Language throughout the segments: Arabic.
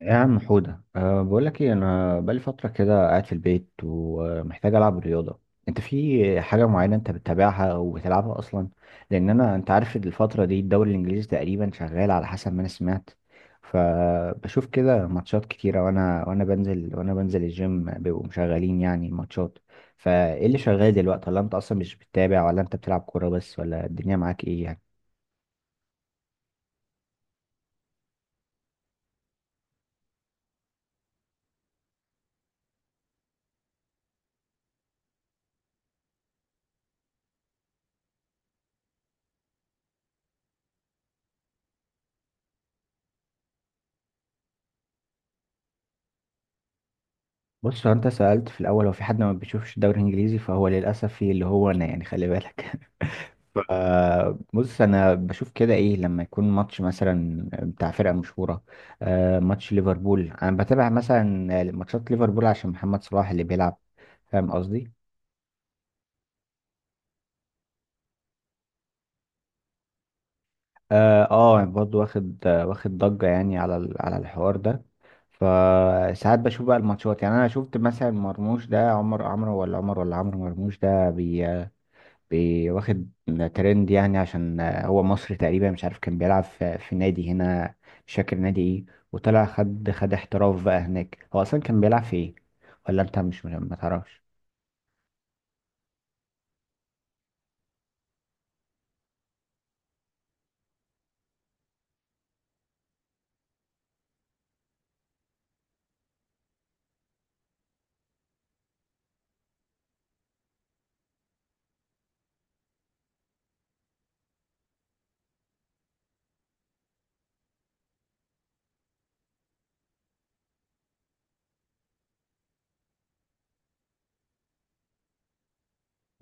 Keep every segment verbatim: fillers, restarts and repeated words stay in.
يا عم حودة، أه بقول لك ايه. انا بقالي فترة كده قاعد في البيت ومحتاج العب رياضة. انت في حاجة معينة انت بتتابعها او بتلعبها اصلا؟ لان انا انت عارف إن الفترة دي الدوري الانجليزي تقريبا شغال على حسب ما انا سمعت، فبشوف كده ماتشات كتيرة، وانا وانا بنزل وانا بنزل الجيم بيبقوا مشغلين يعني ماتشات. فايه اللي شغال دلوقتي؟ ولا انت اصلا مش بتتابع؟ ولا انت بتلعب كورة بس؟ ولا الدنيا معاك ايه يعني؟ بص، هو انت سألت في الاول هو في حد ما بيشوفش الدوري الانجليزي، فهو للاسف في اللي هو انا، يعني خلي بالك. ف- بص، انا بشوف كده ايه لما يكون ماتش مثلا بتاع فرقة مشهورة. آه، ماتش ليفربول انا بتابع، مثلا ماتشات ليفربول عشان محمد صلاح اللي بيلعب. فاهم قصدي؟ اه، آه، يعني برضه واخد آه، واخد ضجة يعني على ال- على الحوار ده. فساعات بشوف بقى الماتشات. يعني انا شفت مثلا مرموش ده، عمر عمرو ولا عمر ولا عمرو مرموش ده، بي- واخد ترند يعني عشان هو مصري. تقريبا مش عارف كان بيلعب في في نادي هنا، مش فاكر نادي ايه، وطلع خد خد احتراف بقى هناك. هو اصلا كان بيلعب في ايه؟ ولا انت مش ما تعرفش؟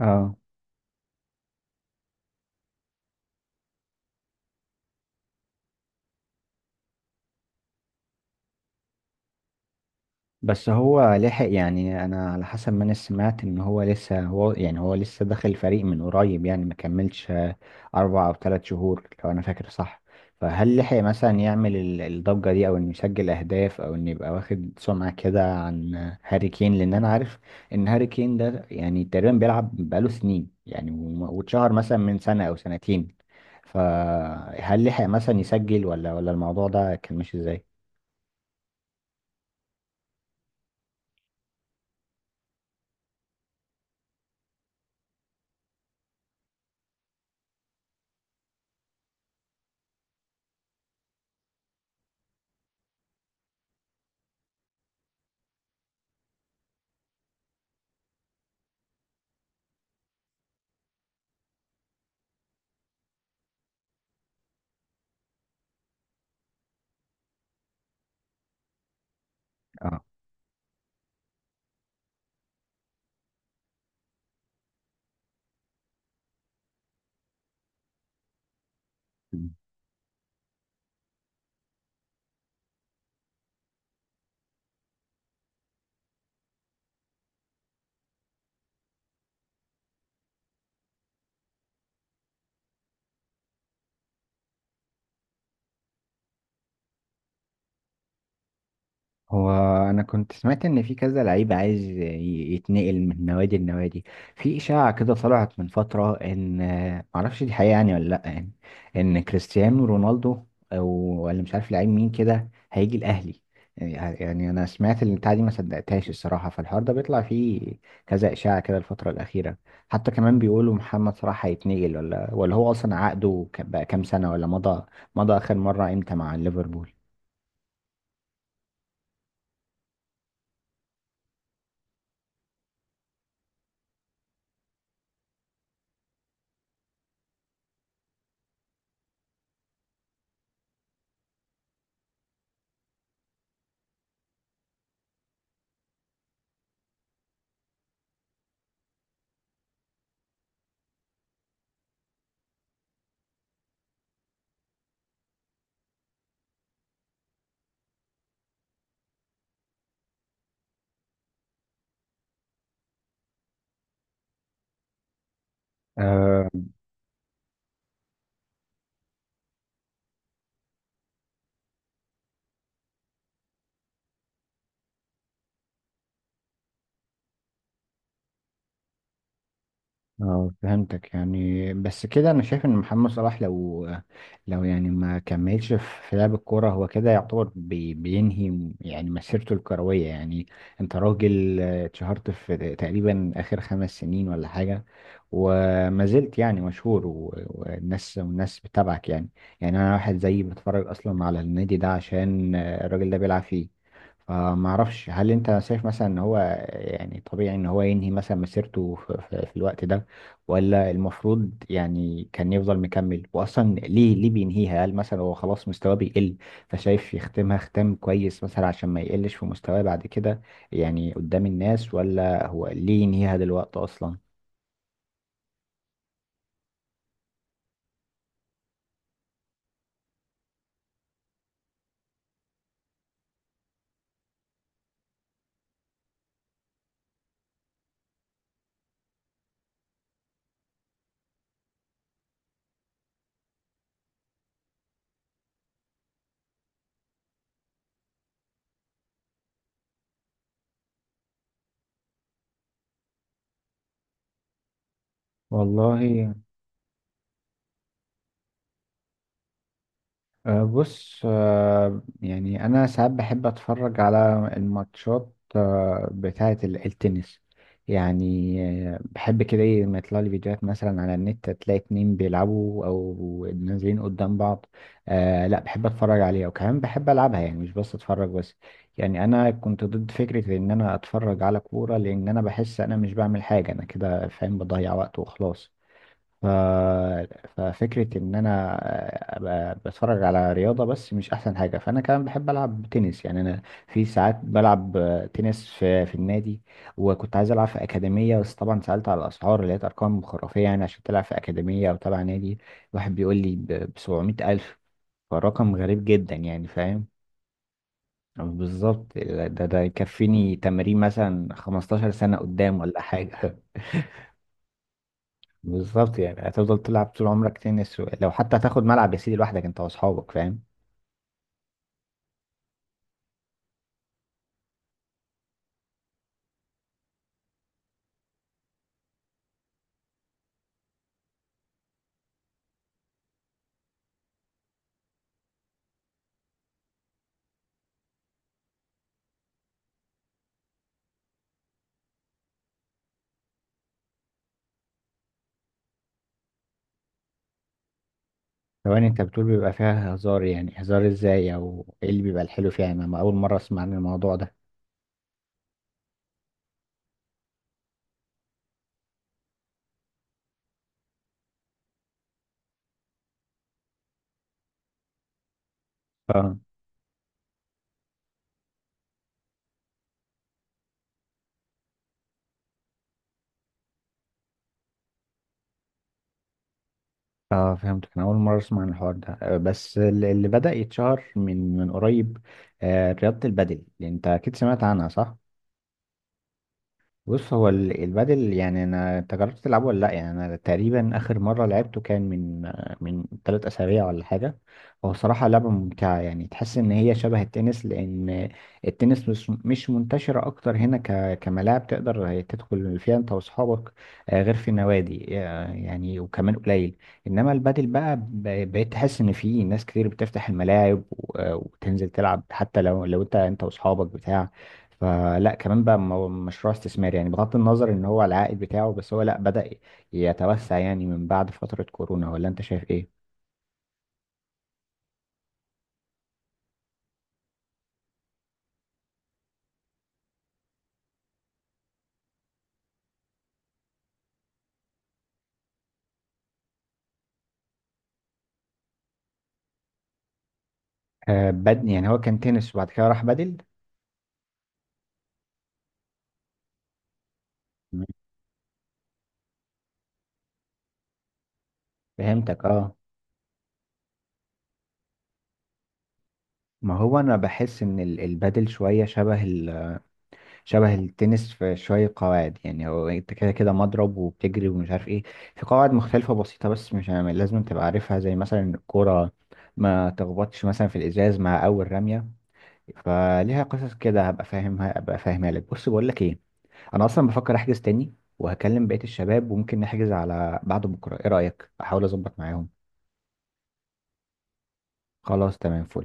اه. بس هو لحق؟ يعني انا على حسب ما انا سمعت ان هو لسه هو يعني هو لسه داخل الفريق من قريب، يعني ما كملش آه، اربع او ثلاث شهور لو انا فاكر صح. فهل لحق مثلا يعمل ال- الضجة دي، او انه يسجل اهداف، او انه يبقى واخد سمعة كده عن آه، هاري كين؟ لان انا عارف ان هاري كين ده يعني تقريبا بيلعب بقاله سنين يعني، وم- واتشهر مثلا من سنة او سنتين. فهل لحق مثلا يسجل، ولا ولا الموضوع ده كان ماشي ازاي؟ اه، هو انا كنت سمعت ان في كذا لعيب عايز ي- يتنقل من نوادي لنوادي. في اشاعه كده طلعت من فتره، ان معرفش دي حقيقه يعني ولا لا، يعني ان كريستيانو رونالدو، او ولا مش عارف لعيب مين كده هيجي الاهلي. يعني يعني انا سمعت البتاعه دي، ما صدقتهاش الصراحه. فالحوار ده بيطلع فيه كذا اشاعه كده الفتره الاخيره. حتى كمان بيقولوا محمد صلاح هيتنقل، ولا ولا هو اصلا عقده ك- بقى كام سنه، ولا مضى مضى؟ اخر مره امتى مع ليفربول؟ اه، فهمتك. يعني بس كده انا شايف ان محمد صلاح لو لو يعني ما كملش في لعب الكوره، هو كده يعتبر بي بينهي يعني مسيرته الكرويه يعني. انت راجل آه، اتشهرت في تقريبا اخر خمس سنين ولا حاجه، وما زلت يعني مشهور، و- والناس والناس بتتابعك يعني. يعني انا واحد زيي بتفرج اصلا على النادي ده عشان آه، الراجل ده بيلعب فيه. فما اعرفش، هل انت شايف مثلا ان هو يعني طبيعي ان هو ينهي مثلا مسيرته في, في, في الوقت ده، ولا المفروض يعني كان يفضل مكمل؟ واصلا ليه ليه بينهيها؟ هل مثلا هو خلاص مستواه بيقل، فشايف يختمها ختام كويس مثلا عشان ما يقلش في مستواه بعد كده يعني قدام الناس؟ ولا هو ليه ينهيها دلوقتي اصلا؟ والله. أه، بص، أه، يعني أنا ساعات بحب أتفرج على الماتشات أه، بتاعة ال- التنس يعني. أه، بحب كده إيه لما يطلع لي فيديوهات مثلا على النت، تلاقي اتنين بيلعبوا أو نازلين قدام بعض. أه لا، بحب أتفرج عليها، وكمان بحب ألعبها، يعني مش بس أتفرج بس. يعني أنا كنت ضد فكرة إن أنا أتفرج على كورة، لأن أنا بحس أنا مش بعمل حاجة، أنا كده فاهم بضيع وقت وخلاص. ف... ففكرة إن أنا أبقى بتفرج على رياضة بس مش أحسن حاجة، فأنا كمان بحب ألعب تنس. يعني أنا في ساعات بلعب تنس في, في النادي. وكنت عايز ألعب في أكاديمية، بس طبعا سألت على الأسعار لقيت أرقام خرافية. يعني عشان تلعب في أكاديمية أو تبع نادي، واحد بيقول لي ب سبعمائة ألف. فالرقم غريب جدا، يعني فاهم. بالظبط، ده ده يكفيني تمرين مثلا خمستاشر سنة قدام ولا حاجة. بالظبط، يعني هتفضل تلعب طول عمرك تنس. و... لو حتى هتاخد ملعب يا سيدي لوحدك انت واصحابك، فاهم. ثواني، انت بتقول بيبقى فيها هزار؟ يعني هزار ازاي، او ايه اللي بيبقى الحلو فيها؟ يعني انا اول مره اسمع عن الموضوع ده. اه، اه، فهمت. انا اول مره اسمع عن الحوار ده. آه، بس ال- اللي بدأ يتشهر من من قريب آه، رياضه البادل، انت اكيد سمعت عنها، صح؟ بص، هو ال- البادل، يعني انا انت جربت تلعبه ولا لا؟ يعني انا تقريبا اخر مره لعبته كان من من ثلاث اسابيع ولا حاجه. هو صراحه لعبه ممتعه، يعني تحس ان هي شبه التنس. لان التنس مش مش منتشره اكتر هنا ك كملاعب تقدر تدخل فيها انت واصحابك، آه، غير في النوادي، آه، يعني، وكمان قليل. انما البادل بقى، ب- بقيت تحس ان في ناس كتير بتفتح الملاعب، و- وتنزل تلعب، حتى لو لو انت انت واصحابك بتاع. فلا كمان بقى مو- مشروع استثماري يعني، بغض النظر ان هو العائد بتاعه، بس هو لا، بدأ يتوسع يعني من بعد فترة كورونا، ولا انت شايف ايه؟ آه بد، يعني هو كان تنس وبعد كده راح بدل؟ مم. فهمتك، اه. ما هو انا بحس ان ال- البادل شويه شبه ال... شبه التنس في شويه قواعد. يعني هو انت كده كده مضرب وبتجري ومش عارف ايه، في قواعد مختلفه بسيطه، بس مش عم- لازم تبقى عارفها زي مثلا الكوره، ما تخبطش مثلا في الازاز مع اول رميه. فليها قصص كده، هبقى فاهمها هبقى فاهمها لك. بص بقول لك ايه انا اصلا بفكر احجز تاني، وهكلم بقية الشباب، وممكن نحجز على بعد بكره. ايه رأيك، احاول اظبط معاهم؟ خلاص، تمام، فل